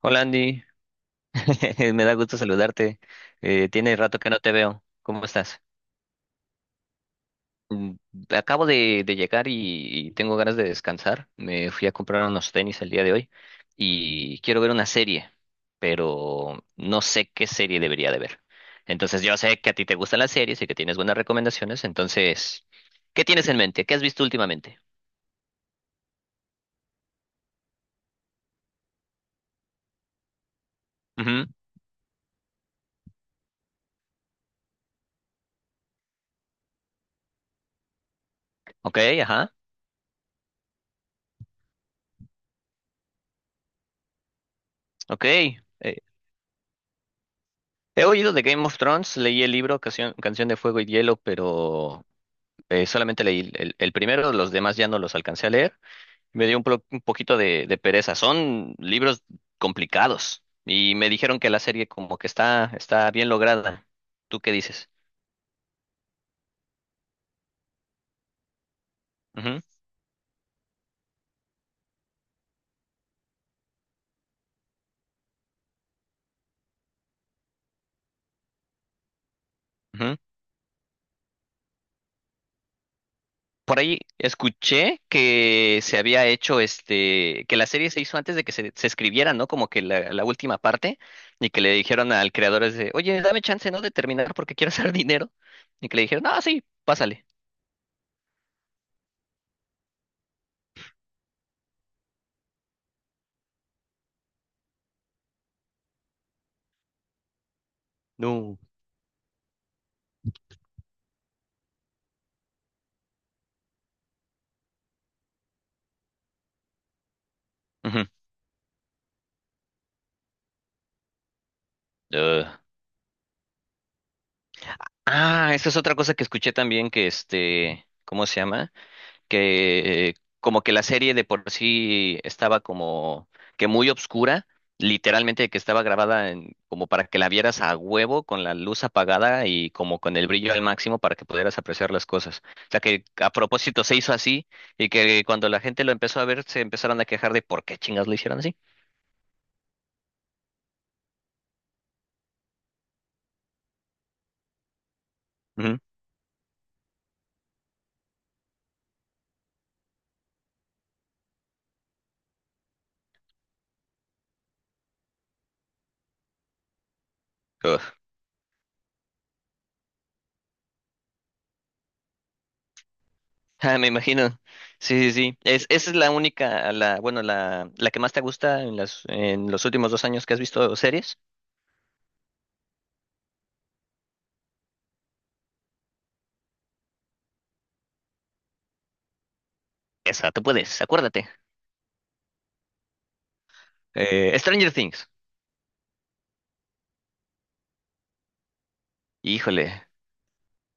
Hola Andy, me da gusto saludarte. Tiene rato que no te veo. ¿Cómo estás? Mm. Acabo de llegar y tengo ganas de descansar. Me fui a comprar unos tenis el día de hoy y quiero ver una serie, pero no sé qué serie debería de ver. Entonces yo sé que a ti te gustan las series y que tienes buenas recomendaciones. Entonces, ¿qué tienes en mente? ¿Qué has visto últimamente? Ujú. Ok, ajá. Ok. He oído de Game of Thrones, leí el libro Canción de Fuego y Hielo, pero solamente leí el primero, los demás ya no los alcancé a leer. Me dio un poquito de pereza. Son libros complicados y me dijeron que la serie como que está bien lograda. ¿Tú qué dices? Ujú, ujú. Por ahí escuché que se había hecho que la serie se hizo antes de que se escribiera, ¿no? Como que la última parte y que le dijeron al creador es de, oye, dame chance, ¿no? De terminar porque quiero hacer dinero. Y que le dijeron, no, sí, pásale. No. Ujú. Ugh. Ah, esa es otra cosa que escuché también que ¿cómo se llama? Que como que la serie de por sí estaba como que muy obscura, literalmente que estaba grabada como para que la vieras a huevo con la luz apagada y como con el brillo al máximo para que pudieras apreciar las cosas. O sea que a propósito se hizo así y que cuando la gente lo empezó a ver se empezaron a quejar de por qué chingas lo hicieron así. Ujú. Ah, me imagino. Sí, sí, sí. Esa es la única, bueno, la que más te gusta en los últimos 2 años que has visto series. Esa, tú puedes, acuérdate. Stranger Things. Híjole.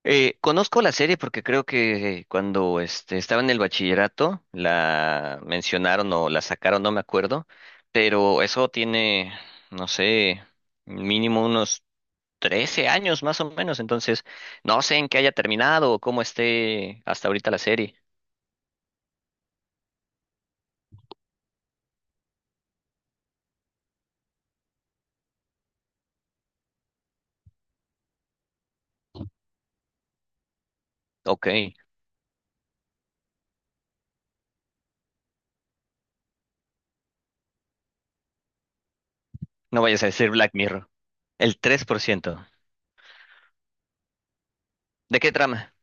Conozco la serie porque creo que cuando estaba en el bachillerato la mencionaron o la sacaron, no me acuerdo. Pero eso tiene, no sé, mínimo unos 13 años más o menos. Entonces, no sé en qué haya terminado o cómo esté hasta ahorita la serie. Ok, no vayas a decir Black Mirror. El 3%. ¿De qué trama?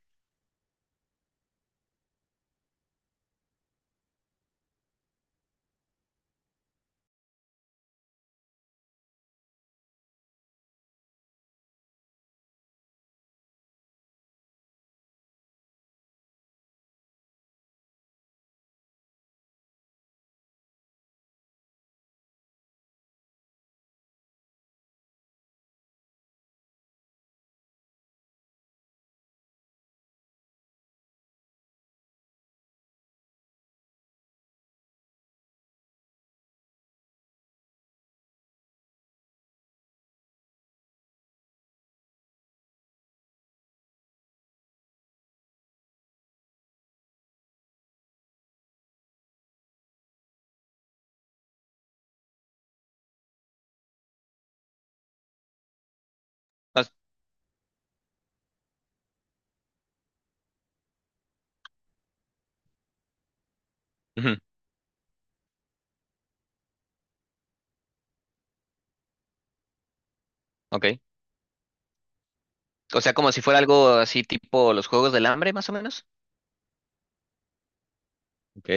As- Ujú. Ok. O sea, como si fuera algo así tipo los Juegos del Hambre, más o menos. Ok.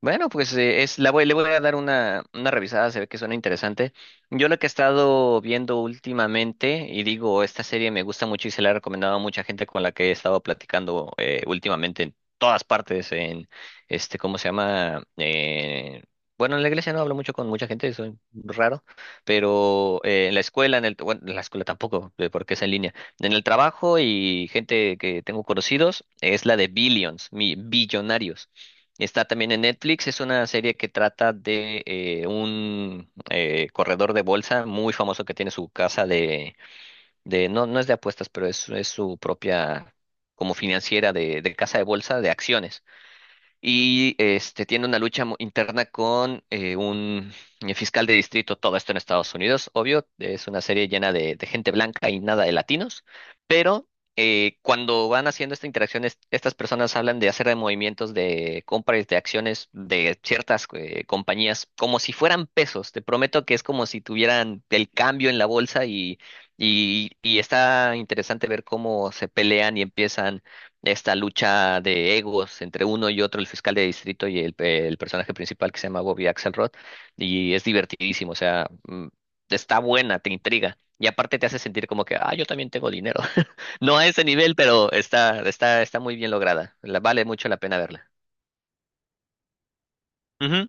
Bueno, pues le voy a dar una revisada, se ve que suena interesante. Yo lo que he estado viendo últimamente, y digo, esta serie me gusta mucho y se la he recomendado a mucha gente con la que he estado platicando últimamente en todas partes, ¿cómo se llama? Bueno, en la iglesia no hablo mucho con mucha gente, soy raro, pero en la escuela, en la escuela tampoco, porque es en línea. En el trabajo y gente que tengo conocidos, es la de Billions, mi Billonarios. Está también en Netflix, es una serie que trata de un corredor de bolsa muy famoso que tiene su casa de no, no es de apuestas, pero es su propia como financiera de casa de bolsa de acciones y tiene una lucha interna con un fiscal de distrito, todo esto en Estados Unidos, obvio, es una serie llena de gente blanca y nada de latinos, pero cuando van haciendo esta interacción, estas personas hablan de hacer de movimientos de compras de acciones de ciertas compañías como si fueran pesos, te prometo que es como si tuvieran el cambio en la bolsa y está interesante ver cómo se pelean y empiezan esta lucha de egos entre uno y otro, el fiscal de distrito y el personaje principal que se llama Bobby Axelrod, y es divertidísimo, o sea, está buena, te intriga. Y aparte te hace sentir como que, ah, yo también tengo dinero. No a ese nivel, pero está muy bien lograda. Vale mucho la pena verla. Ujú.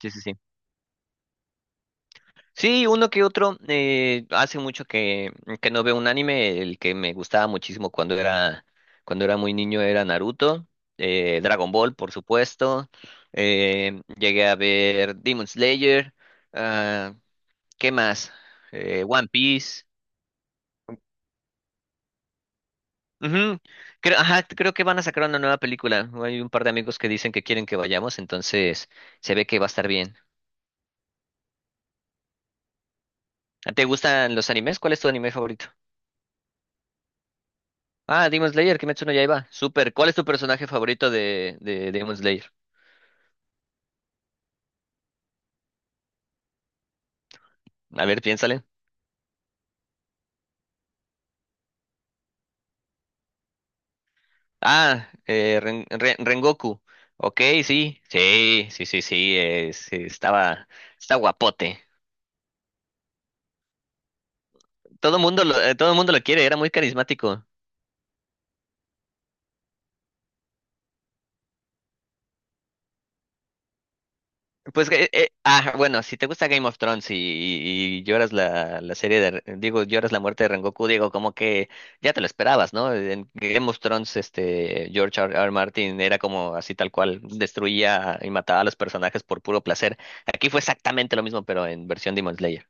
Sí, sí, sí. Sí, uno que otro. Hace mucho que no veo un anime. El que me gustaba muchísimo cuando era muy niño era Naruto. Dragon Ball, por supuesto. Llegué a ver Demon Slayer. ah, ¿qué más? One Piece. Ujú. Creo, ajá, creo que van a sacar una nueva película. Hay un par de amigos que dicen que quieren que vayamos, entonces se ve que va a estar bien. ¿Te gustan los animes? ¿Cuál es tu anime favorito? Ah, Demon Slayer, Kimetsu no Yaiba. Super. ¿Cuál es tu personaje favorito de Demon Slayer? A ver, piénsale. Ah, Rengoku. Ok, sí, sí, sí, sí, sí, sí, está guapote. Todo el mundo lo quiere, era muy carismático. Pues, bueno, si te gusta Game of Thrones y lloras la serie digo, lloras la muerte de Rengoku, digo, como que ya te lo esperabas, ¿no? En Game of Thrones, George R. R. Martin era como así tal cual, destruía y mataba a los personajes por puro placer. Aquí fue exactamente lo mismo, pero en versión Demon Slayer.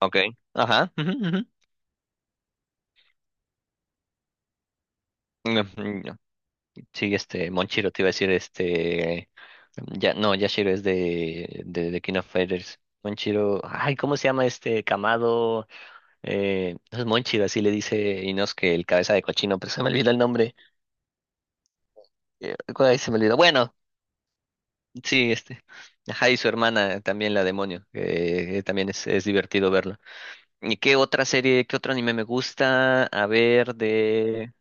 Okay. Ajá. Ujú, ujú. No, no. Sí, Monchiro te iba a decir, ya, no, Yashiro es de King of Fighters. Monchiro, ay, ¿cómo se llama este Kamado? Entonces Monchi así le dice Inos que el cabeza de cochino, pero se me olvidó el nombre. Ay, se me olvidó. Bueno, sí. Ajá, y su hermana también la demonio, que también es divertido verlo. ¿Y qué otra serie, qué otro anime me gusta? A ver, de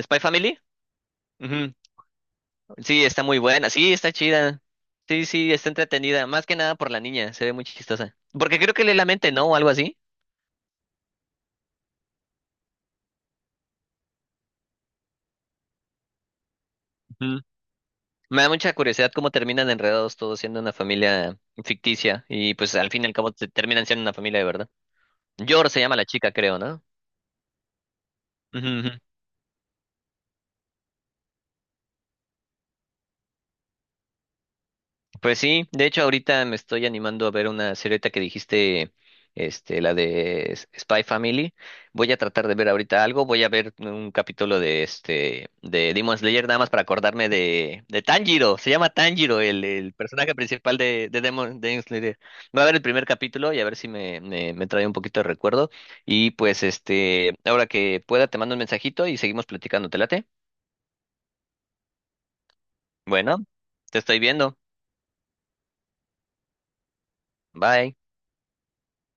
Spy Family. Ujú. Sí, está muy buena, sí, está chida. Sí, sí, está entretenida, más que nada por la niña, se ve muy chistosa. Porque creo que lee la mente, ¿no? O algo así. Me da mucha curiosidad cómo terminan enredados todos siendo una familia ficticia y pues al fin y al cabo se terminan siendo una familia de verdad. Yor se llama la chica, creo, ¿no? Pues sí, de hecho ahorita me estoy animando a ver una serie que dijiste, la de Spy Family. Voy a tratar de ver ahorita algo, voy a ver un capítulo de Demon Slayer nada más para acordarme de Tanjiro, se llama Tanjiro el personaje principal de Demon Slayer. Voy a ver "el, primer capítulo y a ver si me, me me trae un poquito de recuerdo y pues este, ahora que pueda te mando un mensajito y seguimos platicando, ¿te late? Bueno, te estoy viendo. Bye.